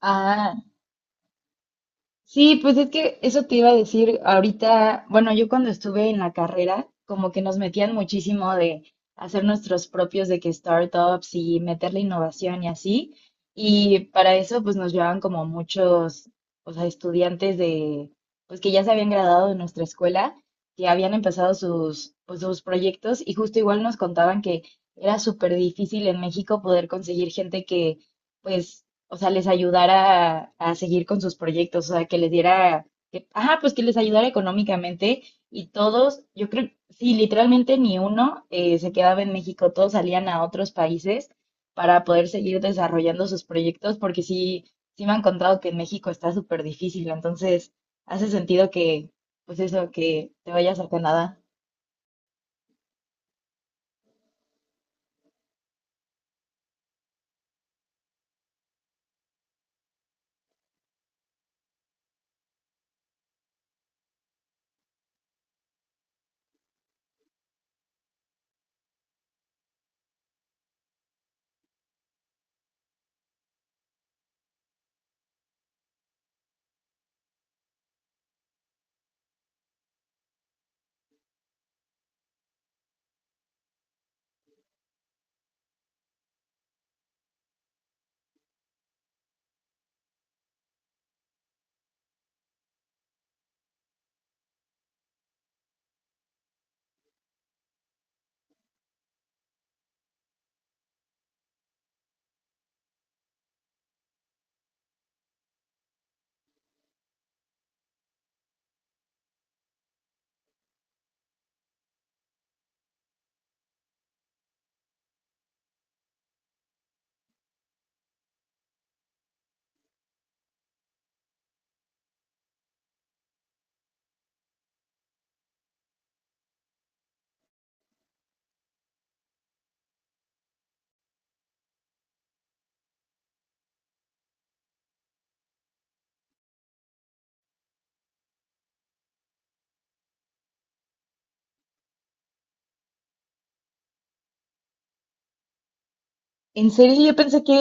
Ah, sí, pues es que eso te iba a decir ahorita, bueno, yo cuando estuve en la carrera, como que nos metían muchísimo de hacer nuestros propios de que startups y meterle innovación y así, y para eso pues nos llevaban como muchos, o sea, estudiantes de, pues que ya se habían graduado de nuestra escuela, que habían empezado sus, pues sus proyectos y justo igual nos contaban que era súper difícil en México poder conseguir gente que pues o sea, les ayudara a seguir con sus proyectos, o sea, que les diera, que, ajá, pues que les ayudara económicamente y todos, yo creo, sí, literalmente ni uno se quedaba en México, todos salían a otros países para poder seguir desarrollando sus proyectos, porque sí, sí me han contado que en México está súper difícil, entonces hace sentido que, pues eso, que te vayas a Canadá. En serio, yo pensé que.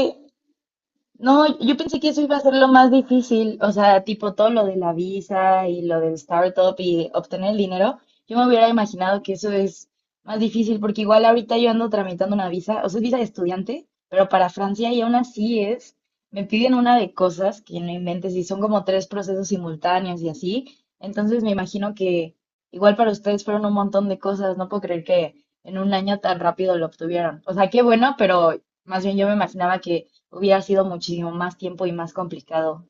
No, yo pensé que eso iba a ser lo más difícil, o sea, tipo todo lo de la visa y lo del startup y obtener el dinero. Yo me hubiera imaginado que eso es más difícil porque igual ahorita yo ando tramitando una visa, o sea, es visa de estudiante, pero para Francia y aún así es, me piden una de cosas que no inventes y son como tres procesos simultáneos y así. Entonces me imagino que igual para ustedes fueron un montón de cosas, no puedo creer que en un año tan rápido lo obtuvieron. O sea, qué bueno, pero más bien yo me imaginaba que hubiera sido muchísimo más tiempo y más complicado.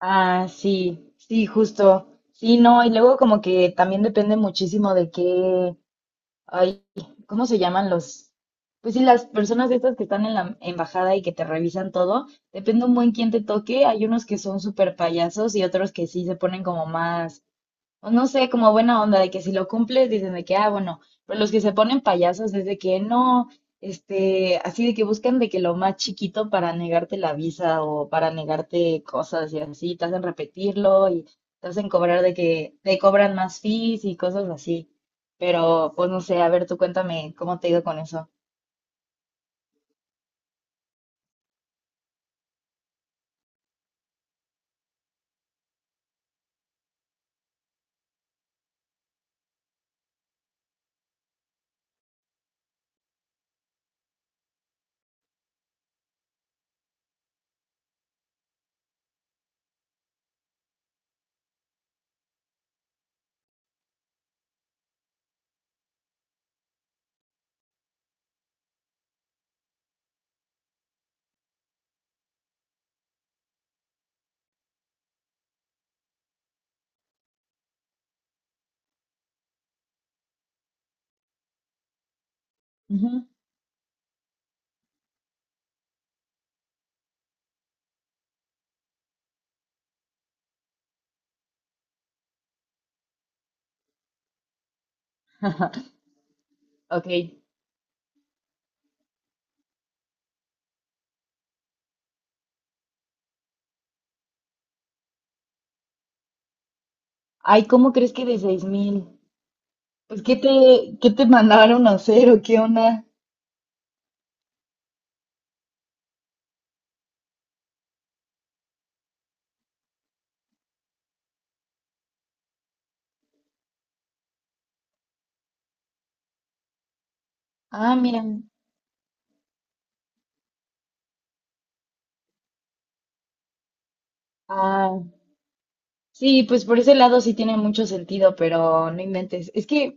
Ah, sí, sí, justo. Sí, no, y luego como que también depende muchísimo de qué, ay, ¿cómo se llaman los? Pues sí, las personas estas que están en la embajada y que te revisan todo, depende un buen quién te toque. Hay unos que son súper payasos y otros que sí se ponen como más o no sé, como buena onda de que si lo cumples dicen de que, ah, bueno, pero los que se ponen payasos es de que no, este, así de que buscan de que lo más chiquito para negarte la visa o para negarte cosas y así, te hacen repetirlo y te hacen cobrar de que te cobran más fees y cosas así. Pero pues no sé, a ver, tú cuéntame cómo te ha ido con eso. Ujú. Ok. Ay, ¿cómo crees que de 6,000? Pues, ¿qué te mandaron a hacer o qué onda? Ah, mira. Ah, sí, pues por ese lado sí tiene mucho sentido, pero no inventes. Es que,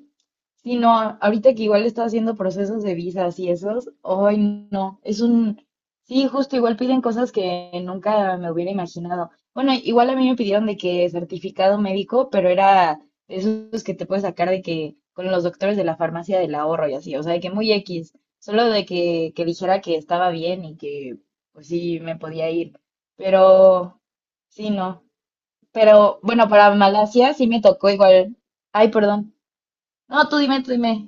sí, no, ahorita que igual está haciendo procesos de visas y esos, hoy no, es un, sí, justo igual piden cosas que nunca me hubiera imaginado. Bueno, igual a mí me pidieron de que certificado médico, pero era de esos que te puedes sacar de que con los doctores de la farmacia del ahorro y así, o sea, de que muy X, solo de que dijera que estaba bien y que, pues sí, me podía ir, pero… Sí, no. Pero bueno, para Malasia sí me tocó igual. Ay, perdón. No, tú dime.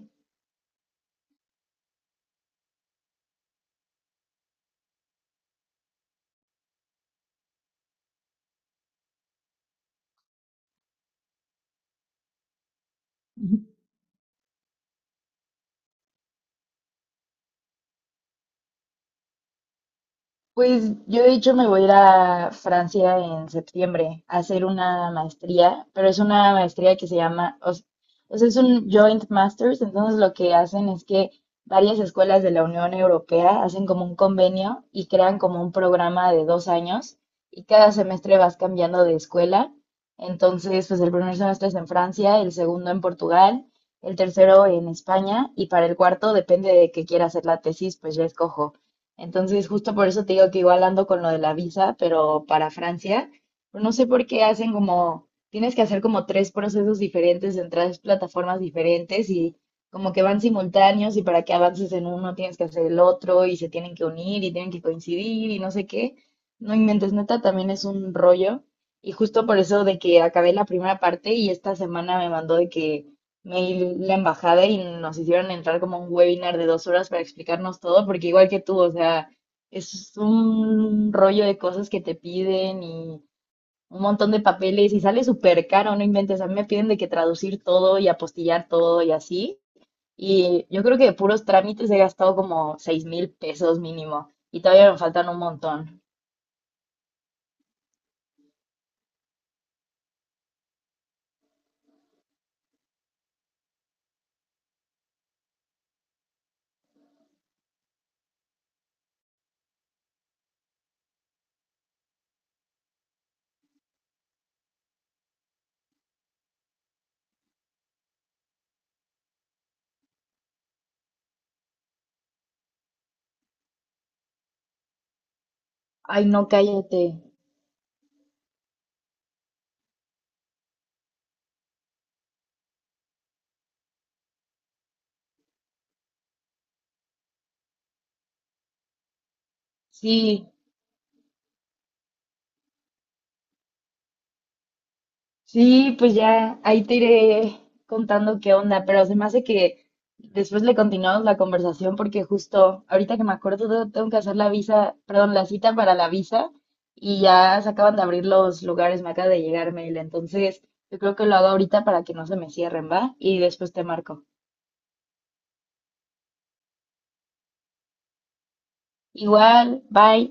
Pues yo de hecho me voy a ir a Francia en septiembre a hacer una maestría, pero es una maestría que se llama, o sea, es un joint masters, entonces lo que hacen es que varias escuelas de la Unión Europea hacen como un convenio y crean como un programa de 2 años y cada semestre vas cambiando de escuela. Entonces, pues el primer semestre es en Francia, el segundo en Portugal, el tercero en España y para el cuarto, depende de qué quiera hacer la tesis, pues ya escojo. Entonces, justo por eso te digo que igual ando con lo de la visa, pero para Francia, pero no sé por qué hacen como, tienes que hacer como tres procesos diferentes en tres plataformas diferentes y como que van simultáneos y para que avances en uno tienes que hacer el otro y se tienen que unir y tienen que coincidir y no sé qué. No inventes, neta, también es un rollo. Y justo por eso de que acabé la primera parte y esta semana me mandó de que me y la embajada y nos hicieron entrar como a un webinar de 2 horas para explicarnos todo, porque igual que tú, o sea, es un rollo de cosas que te piden y un montón de papeles y sale súper caro, no inventes, a mí me piden de que traducir todo y apostillar todo y así. Y yo creo que de puros trámites he gastado como 6,000 pesos mínimo y todavía me faltan un montón. Ay, no, cállate. Sí, sí, pues ya ahí te iré contando qué onda, pero se me hace que después le continuamos la conversación porque justo ahorita que me acuerdo te- tengo que hacer la visa, perdón, la cita para la visa y ya se acaban de abrir los lugares, me acaba de llegar mail, entonces yo creo que lo hago ahorita para que no se me cierren, ¿va? Y después te marco. Igual, bye.